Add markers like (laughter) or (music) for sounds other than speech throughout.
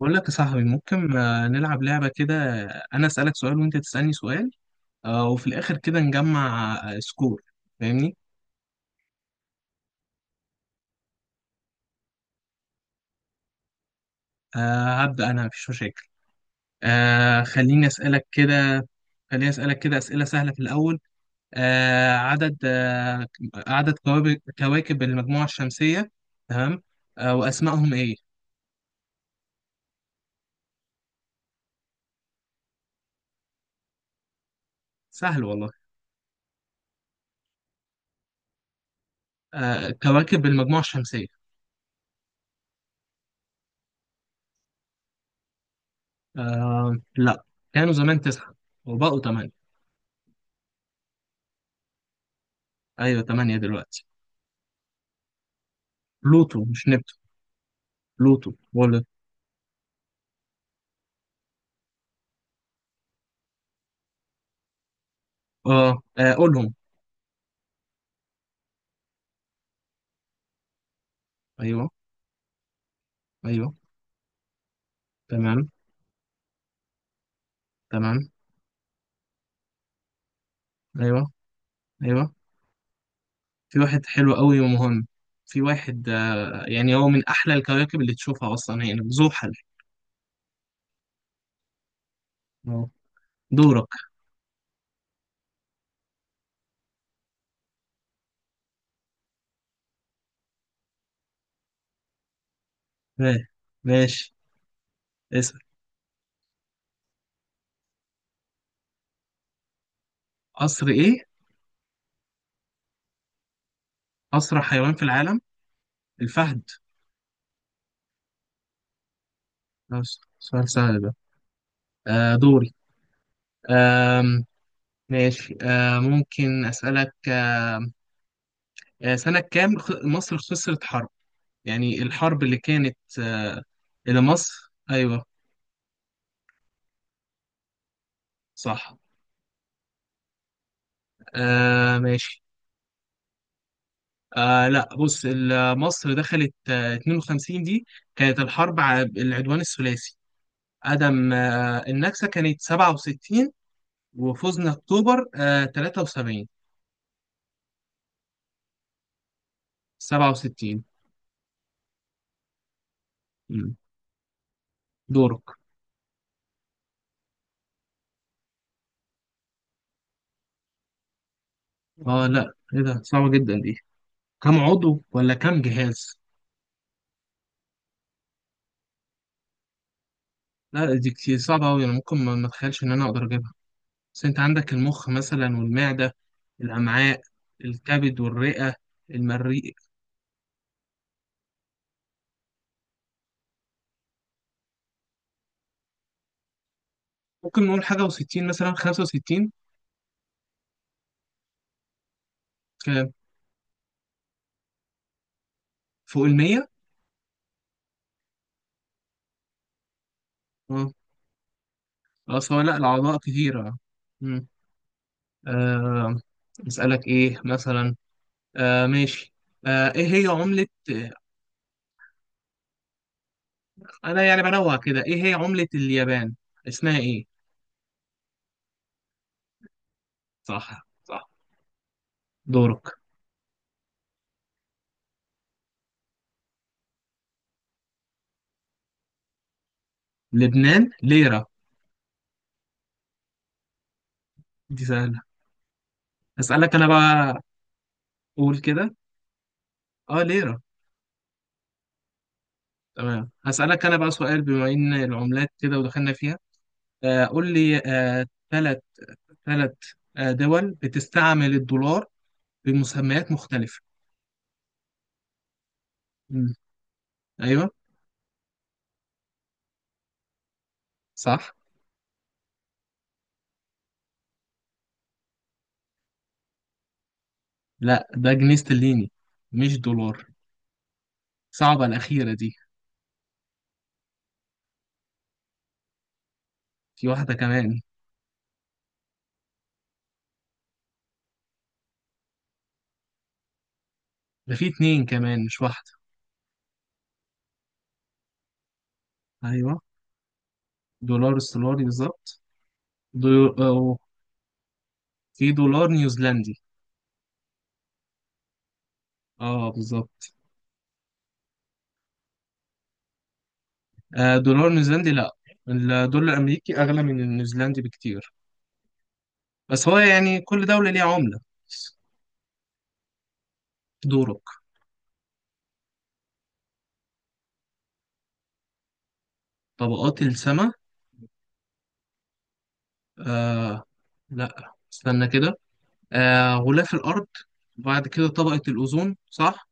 بقول لك يا صاحبي، ممكن نلعب لعبة كده. أنا أسألك سؤال وأنت تسألني سؤال، وفي الآخر كده نجمع سكور. فاهمني؟ هبدأ أنا، مفيش مشاكل. آه، خليني أسألك كده خليني أسألك كده أسئلة سهلة في الأول. آه، عدد آه، عدد كواكب المجموعة الشمسية. تمام. وأسمائهم إيه؟ سهل والله. كواكب المجموعة الشمسية. لا، كانوا زمان تسعة وبقوا تمانية. أيوة، تمانية دلوقتي. بلوتو مش نبتون. بلوتو، ولا... قولهم. ايوه، ايوه. تمام. تمام. ايوه، ايوه. في واحد حلو قوي ومهم. في واحد آه، يعني هو من احلى الكواكب اللي تشوفها اصلا، هنا زحل. اه. دورك. ماشي، ماشي. اسال. قصر ايه؟ اسرع حيوان في العالم. الفهد. ماشي، سؤال سهل ده. دوري. آم ماشي. ممكن اسالك سنه كام، مصر خسرت حرب؟ يعني الحرب اللي كانت إلى مصر. أيوه، صح. ماشي. لا، بص، مصر دخلت 52 دي، كانت الحرب على العدوان الثلاثي. عدم النكسة كانت 67، وفوزنا اكتوبر 73. 67. مم. دورك. اه، لا، ايه ده؟ صعبة جدا دي. كم عضو ولا كم جهاز؟ لا، دي كتير، صعبة أوي. أنا ممكن ما أتخيلش إن أنا أقدر أجيبها. بس أنت عندك المخ مثلا، والمعدة، الأمعاء، الكبد والرئة، المريء. ممكن نقول حاجة وستين، مثلا خمسة وستين. كام؟ فوق المية؟ اه سواء، لا، الأعضاء كتيرة. مم. آه. أسألك إيه مثلا؟ ماشي. آه إيه هي عملة آه، أنا يعني بنوع كده، إيه هي عملة اليابان؟ اسمها إيه؟ صح، صح. دورك. لبنان ليرة. دي سهلة. أسألك أنا بقى. قول كده. أه، ليرة. تمام، هسألك أنا بقى سؤال، بما إن العملات كده ودخلنا فيها. قول لي ثلاث، ثلاث ثلاث دول بتستعمل الدولار بمسميات مختلفة. مم. أيوه. صح. لا، ده جنيه استرليني، مش دولار. صعبة الأخيرة دي. في واحدة كمان. ده في اتنين كمان، مش واحدة. أيوه، دولار استرالي بالظبط. دو... أو في دولار نيوزيلندي. اه، بالظبط. دولار نيوزيلندي لا، الدولار الأمريكي أغلى من النيوزيلندي بكتير. بس هو يعني كل دولة ليها عملة. دورك. طبقات السماء. آه لا، استنى كده. غلاف الأرض، بعد كده طبقة الأوزون، صح؟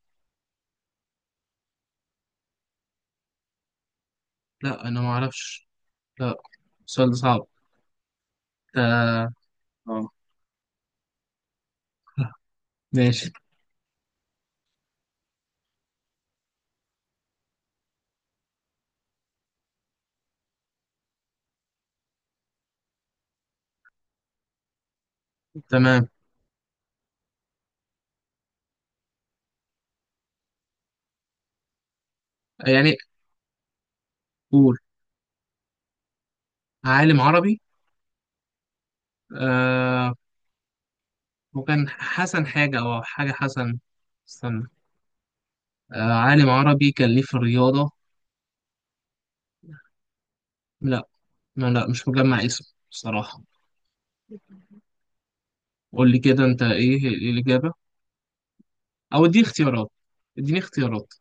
لا، أنا ما أعرفش. لا، السؤال ده صعب. ده آه (laughs) ماشي. تمام، يعني قول. عالم عربي. آه وكان حسن حاجة أو حاجة حسن. استنى. عالم عربي كان ليه في الرياضة. لا، ما لا، مش مجمع اسمه بصراحة. قول لي كده أنت، إيه الإجابة؟ أو اديني اختيارات، اديني اختيارات.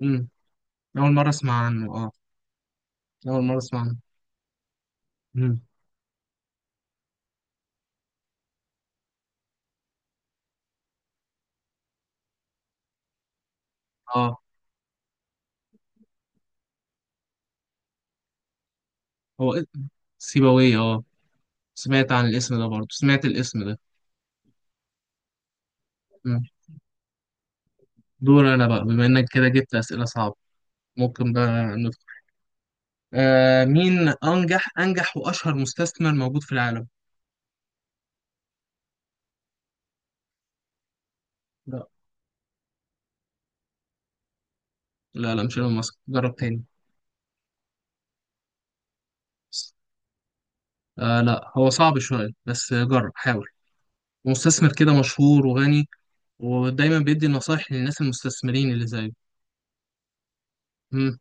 مم. أول مرة أسمع عنه، أه. أول مرة أسمع عنه. مم. أه هو. سيبويه، اه. سمعت عن الاسم ده، برضه سمعت الاسم ده. مم. دور انا بقى، بما انك كده جبت اسئله صعبه. ممكن بقى ندخل. مين انجح واشهر مستثمر موجود في العالم؟ لا، لا، لا، مش ايلون ماسك، جرب تاني. لا، هو صعب شويه، بس جرب، حاول. مستثمر كده مشهور وغني، ودايما بيدي نصايح للناس المستثمرين اللي زيه. مم.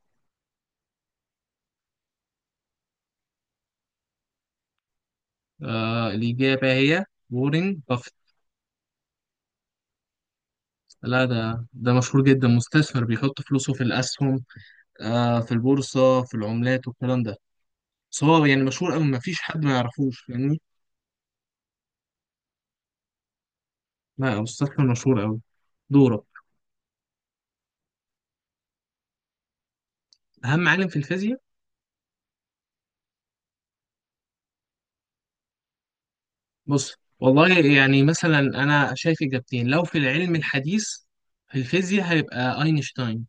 الإجابة هي وارن بافيت. لا، ده مشهور جدا، مستثمر بيحط فلوسه في الأسهم، في البورصة، في العملات والكلام ده. بس هو يعني مشهور أوي، مفيش حد ما يعرفوش، فاهمني. لا، مستشفى مشهور أوي. دورك. أهم عالم في الفيزياء. بص، والله، يعني مثلا أنا شايف إجابتين. لو في العلم الحديث في الفيزياء، هيبقى أينشتاين.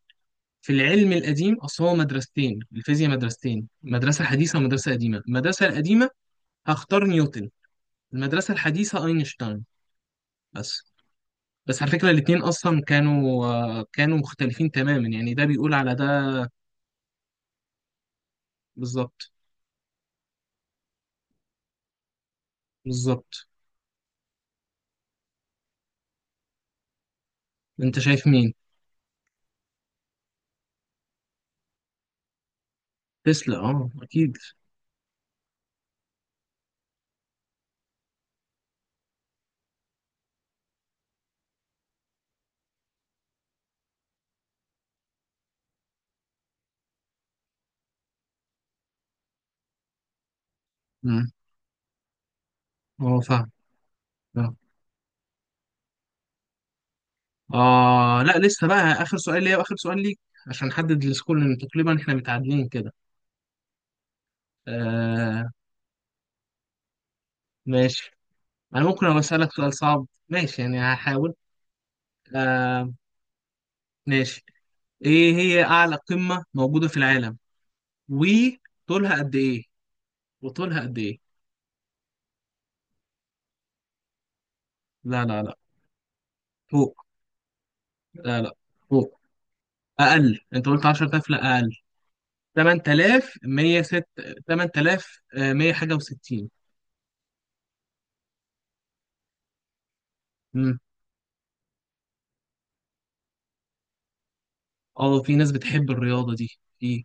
في العلم القديم، أصل هو مدرستين، الفيزياء مدرستين، مدرسة حديثة ومدرسة قديمة. المدرسة القديمة هختار نيوتن. المدرسة الحديثة أينشتاين. بس. بس على فكرة الاتنين أصلا كانوا مختلفين تماما، يعني ده بيقول على ده. بالظبط. بالظبط. انت شايف مين؟ تسلا، اه، اكيد. مم. اه، فاهم. فاهم. اه، لا، لسه بقى اخر سؤال ليا واخر سؤال ليك، عشان نحدد السكور، لان تقريبا احنا متعادلين كده. آه ماشي. انا ممكن ابقى اسالك سؤال صعب، ماشي؟ يعني هحاول. آه ماشي. ايه هي اعلى قمة موجودة في العالم؟ وطولها قد ايه؟ وطولها قد ايه؟ لا، لا، لا. فوق. لا، لا. فوق. اقل، انت قلت 10,000، لا، اقل. 8,106. 8,100 حاجه و60. امم. اه، في ناس بتحب الرياضه دي. في.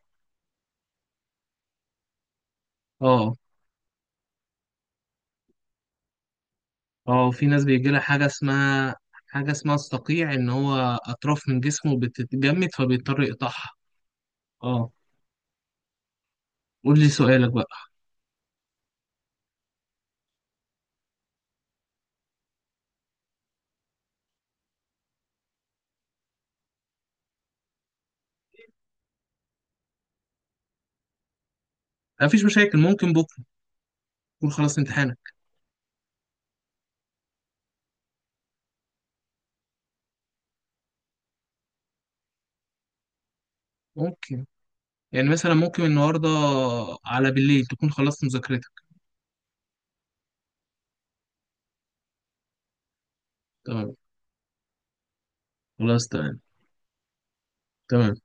اه اه، في ناس بيجي لها حاجه اسمها، حاجه اسمها الصقيع، ان هو اطراف من جسمه بتتجمد فبيضطر يقطعها. اه. قول لي سؤالك بقى. مفيش مشاكل، ممكن بكره تكون خلصت امتحانك. ممكن، يعني مثلا ممكن النهارده على بالليل تكون خلصت مذاكرتك. تمام. خلاص، تمام. تمام.